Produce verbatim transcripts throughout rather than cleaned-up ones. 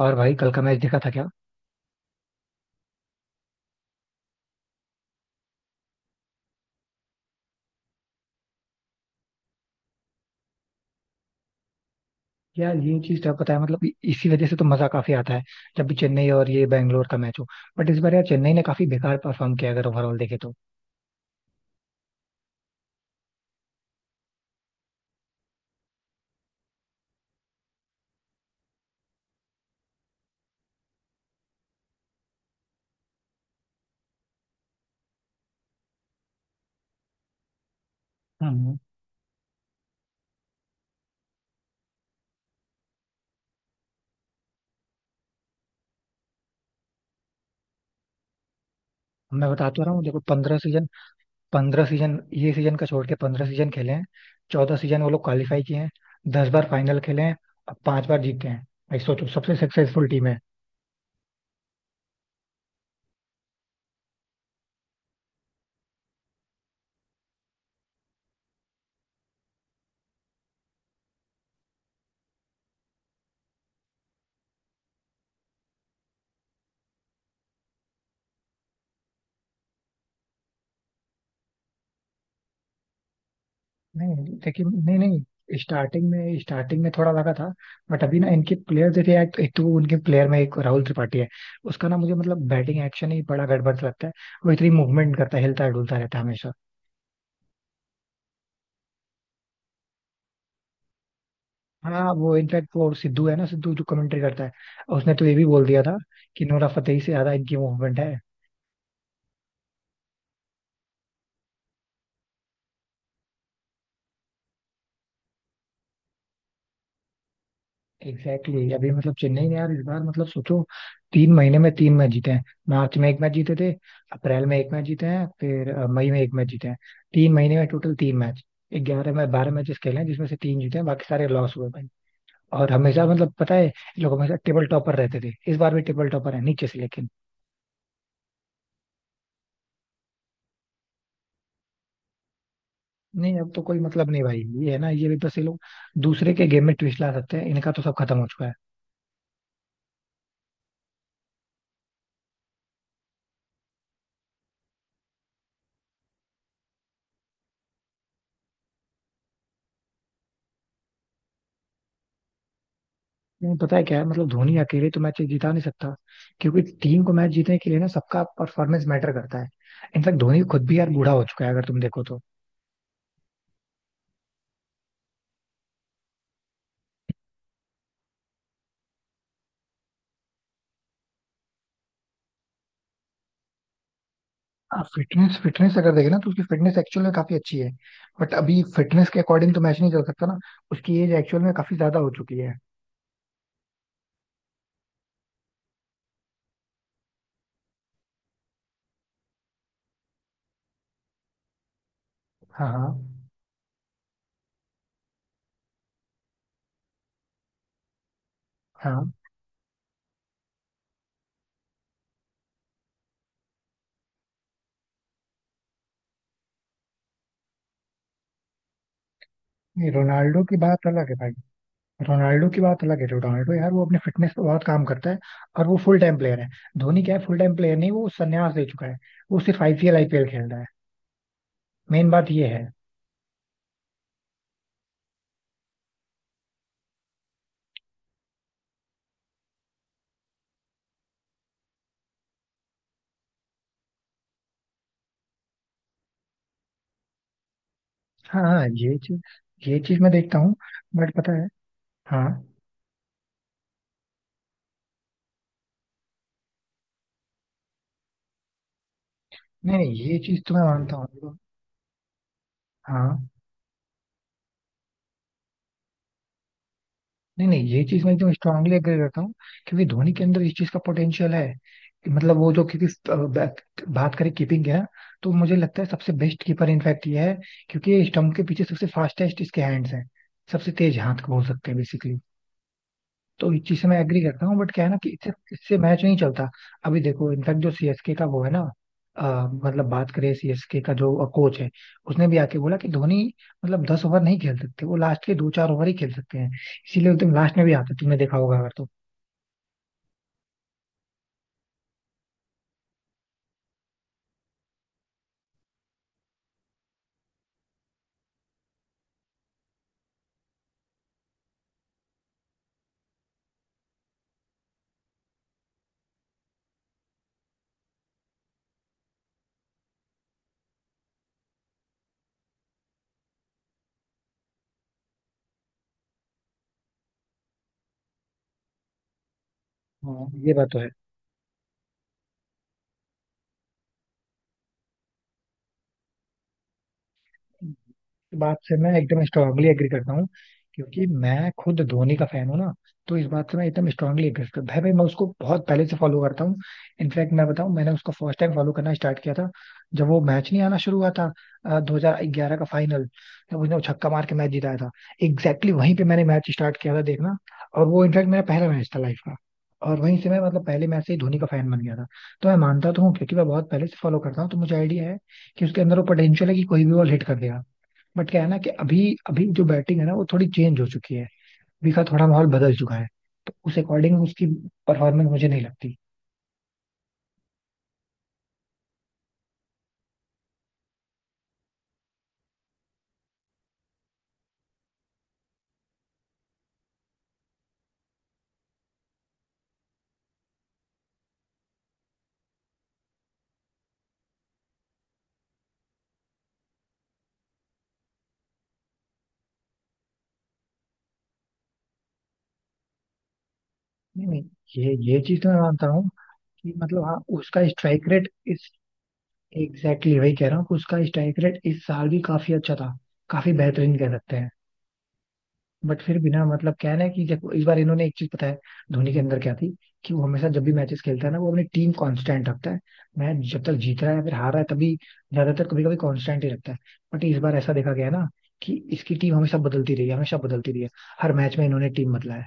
और भाई कल का मैच देखा था क्या? यार ये चीज तो पता है, मतलब इ- इसी वजह से तो मजा काफी आता है। जब भी चेन्नई और ये बैंगलोर का मैच हो। बट इस बार यार चेन्नई ने काफी बेकार परफॉर्म किया, अगर ओवरऑल देखे तो। हम्म। मैं बता तो रहा हूँ देखो, पंद्रह सीजन। पंद्रह सीजन, ये सीजन का छोड़ के पंद्रह सीजन खेले हैं। चौदह सीजन वो लोग क्वालिफाई किए हैं। दस बार फाइनल खेले हैं। अब पांच बार जीते हैं। भाई सोचो, सबसे सक्सेसफुल टीम है। नहीं लेकिन, नहीं नहीं, स्टार्टिंग में स्टार्टिंग में थोड़ा लगा था। बट अभी ना इनके प्लेयर देखिए, एक, एक तो उनके प्लेयर में एक राहुल त्रिपाठी है। उसका ना मुझे मतलब बैटिंग एक्शन ही बड़ा गड़बड़ सा लगता है। वो इतनी मूवमेंट करता है, हिलता डुलता रहता है हमेशा। हाँ वो इनफैक्ट वो सिद्धू है ना, सिद्धू जो कमेंट्री करता है। उसने तो ये भी बोल दिया था कि नोरा फतेही से ज्यादा इनकी मूवमेंट है। Exactly exactly। अभी मतलब चेन्नई ने यार इस बार मतलब सोचो, तीन महीने में तीन मैच जीते हैं। मार्च में एक मैच जीते थे। अप्रैल में एक मैच जीते हैं, फिर अ, मई में एक मैच जीते हैं। तीन महीने में टोटल तीन मैच। ग्यारह में बारह मैचेस खेले हैं जिसमें से तीन जीते हैं, बाकी सारे लॉस हुए भाई। और हमेशा, मतलब पता है, ये लोग हमेशा टेबल टॉपर रहते थे, इस बार भी टेबल टॉपर है नीचे से लेकिन। नहीं अब तो कोई मतलब नहीं भाई, ये है ना, ये भी बस ये लोग दूसरे के गेम में ट्विस्ट ला सकते हैं, इनका तो सब खत्म हो चुका है। नहीं पता है क्या है, मतलब धोनी अकेले तो मैच जीता नहीं सकता। क्योंकि टीम को मैच जीतने के लिए ना सबका परफॉर्मेंस मैटर करता है। इनफैक्ट धोनी खुद भी यार बूढ़ा हो चुका है अगर तुम देखो तो। फिटनेस, फिटनेस अगर देखें ना तो उसकी फिटनेस एक्चुअल में काफी अच्छी है। बट अभी फिटनेस के अकॉर्डिंग तो मैच नहीं चल सकता ना। उसकी एज एक्चुअल में काफी ज्यादा हो चुकी है। हाँ हाँ। हाँ नहीं, रोनाल्डो की बात अलग है भाई। रोनाल्डो की बात अलग है। रोनाल्डो यार वो अपने फिटनेस पे बहुत काम करता है। और वो फुल टाइम प्लेयर है। धोनी क्या है? फुल टाइम प्लेयर नहीं, वो संन्यास ले चुका है। वो सिर्फ I P L I P L खेल रहा है। मेन बात ये है। हाँ हाँ, ये चीज, ये चीज मैं देखता हूँ। बट पता है। हाँ। नहीं नहीं, ये चीज तो मैं मानता हूँ देखो। हाँ। नहीं नहीं, ये चीज मैं एकदम स्ट्रांगली एग्री करता हूँ। क्योंकि धोनी के अंदर इस चीज का पोटेंशियल है कि मतलब वो जो, क्योंकि अ, बैक- बात करें कीपिंग है, तो मुझे लगता है सबसे बेस्ट कीपर इनफैक्ट ये है। क्योंकि स्टंप के पीछे सबसे फास्टेस्ट इसके हैंड्स हैं। सबसे तेज हाथ बोल सकते हैं। तो इस चीज से मैं एग्री करता हूँ, बट क्या है ना कि इससे इससे मैच नहीं चलता। अभी देखो, इनफैक्ट जो सी एस के का वो है ना, अ, मतलब बात करें सी एस के का जो कोच है, उसने भी आके बोला कि धोनी मतलब दस ओवर नहीं खेल सकते, वो लास्ट के दो चार ओवर ही खेल सकते हैं। इसीलिए तुम लास्ट में भी आते तुमने देखा होगा अगर तो। हाँ ये बात तो है। बात से मैं एकदम स्ट्रांगली एग्री करता हूँ, क्योंकि मैं खुद धोनी का फैन हूँ ना। तो इस बात से मैं एकदम स्ट्रांगली एग्री करता हूँ भाई। भाई मैं उसको बहुत पहले से फॉलो करता हूँ। इनफैक्ट मैं बताऊँ, मैंने उसको फर्स्ट टाइम फॉलो करना स्टार्ट किया था जब वो मैच नहीं आना शुरू हुआ था। दो हजार ग्यारह का फाइनल, तब उसने वो छक्का मार के मैच जिताया था। एग्जैक्टली exactly, वहीं पे मैंने मैच स्टार्ट किया था देखना। और वो इनफैक्ट मेरा पहला मैच था लाइफ का। और वहीं से मैं मतलब पहले मैच से ही धोनी का फैन बन गया था। तो मैं मानता तो हूँ क्योंकि मैं बहुत पहले से फॉलो करता हूँ, तो मुझे आइडिया है कि उसके अंदर वो पोटेंशियल है कि कोई भी बॉल हिट कर देगा। बट क्या है ना कि अभी, अभी जो बैटिंग है ना, वो थोड़ी चेंज हो चुकी है। अभी का थोड़ा माहौल बदल चुका है। तो उस अकॉर्डिंग उसकी परफॉर्मेंस मुझे नहीं लगती। नहीं नहीं, ये ये चीज तो मैं मानता हूँ कि मतलब हाँ उसका स्ट्राइक रेट इस। एग्जैक्टली exactly, वही कह रहा हूँ कि उसका स्ट्राइक रेट इस साल भी काफी अच्छा था। काफी बेहतरीन कह सकते हैं। बट फिर भी ना मतलब क्या है ना कि देखो इस बार इन्होंने एक चीज, पता है धोनी के अंदर क्या थी? कि वो हमेशा जब भी मैचेस खेलता है ना वो अपनी टीम कांस्टेंट रखता है। मैच जब तक जीत रहा है या फिर हार रहा है तभी, ज्यादातर कभी कभी कांस्टेंट ही रखता है। बट इस बार ऐसा देखा गया है ना, कि इसकी टीम हमेशा बदलती रही है, हमेशा बदलती रही है। हर मैच में इन्होंने टीम बदला है।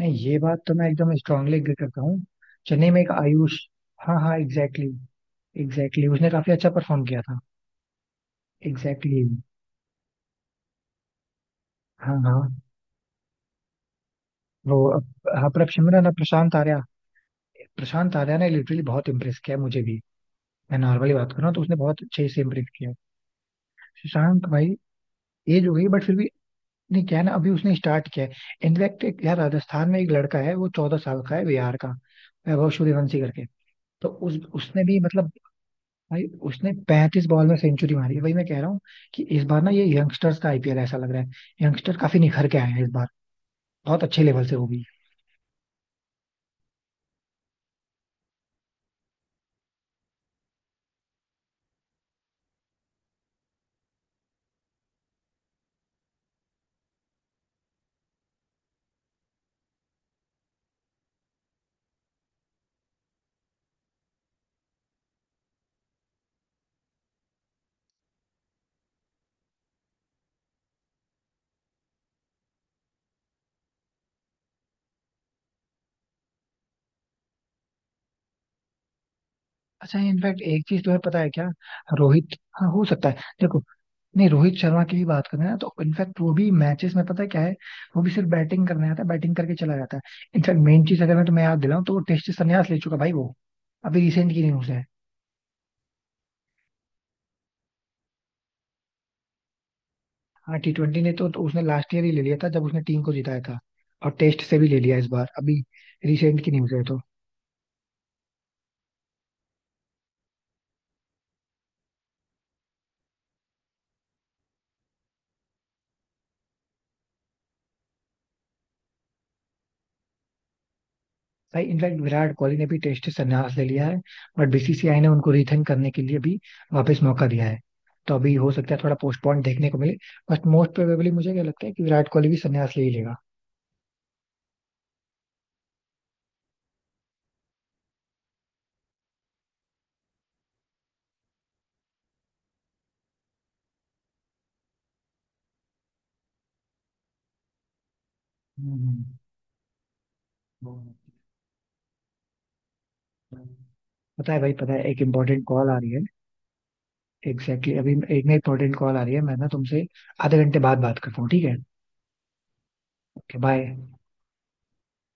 नहीं ये बात तो मैं एकदम स्ट्रांगली एग्री करता हूँ। चेन्नई में एक आयुष। हाँ हाँ, एग्जैक्टली exactly। एग्जैक्टली exactly, उसने काफी अच्छा परफॉर्म किया था। Exactly exactly। हाँ हाँ। वो अप- हाँ प्रभ सिमरन और प्रशांत आर्या, प्रशांत आर्या ने लिटरली बहुत इम्प्रेस किया है मुझे भी। मैं नॉर्मली बात कर रहा हूँ, तो उसने बहुत अच्छे से इम्प्रेस किया है। शशांक भाई, एज हो गई बट फिर भी। नहीं क्या है ना अभी उसने स्टार्ट किया है, इनफैक्ट एक यार राजस्थान में एक लड़का है वो चौदह साल का है, बिहार का। वैभव सूर्यवंशी करके। तो उस उसने भी मतलब, भाई उसने पैंतीस बॉल में सेंचुरी मारी है भाई, मैं कह रहा हूँ कि इस बार ना ये यंगस्टर्स का आई पी एल ऐसा लग रहा है। यंगस्टर काफी निखर के आए हैं इस बार, बहुत अच्छे लेवल से वो भी। अच्छा इनफैक्ट एक चीज तुम्हें पता है क्या? रोहित, हाँ हो सकता है। देखो, नहीं रोहित शर्मा की भी बात करें ना तो इनफैक्ट वो भी मैचेस में पता है क्या है? वो भी सिर्फ बैटिंग करने आता है, बैटिंग करके चला जाता है। इनफैक्ट मेन चीज अगर मैं तुम्हें याद दिलाऊं तो वो टेस्ट से संन्यास ले चुका भाई, वो अभी रिसेंट की न्यूज है। हाँ टी ट्वेंटी ने तो, तो उसने लास्ट ईयर ही ले लिया था जब उसने टीम को जिताया था। और टेस्ट से भी ले लिया इस बार, अभी रिसेंट की न्यूज है तो। भाई इनफैक्ट विराट कोहली ने भी टेस्ट से संन्यास ले लिया है। बट बी सी सी आई ने उनको रिथिंक करने के लिए भी वापस मौका दिया है। तो अभी हो सकता है थोड़ा पोस्टपोन देखने को मिले। बट मोस्ट प्रोबेबली मुझे क्या लगता है कि विराट कोहली भी संन्यास ले ही लेगा। हम्म, पता है भाई, पता है, एक इम्पोर्टेंट कॉल आ रही है। एग्जैक्टली exactly, अभी एक ना इम्पोर्टेंट कॉल आ रही है, मैं ना तुमसे आधे घंटे बाद बात करता हूँ, ठीक है। Okay bye.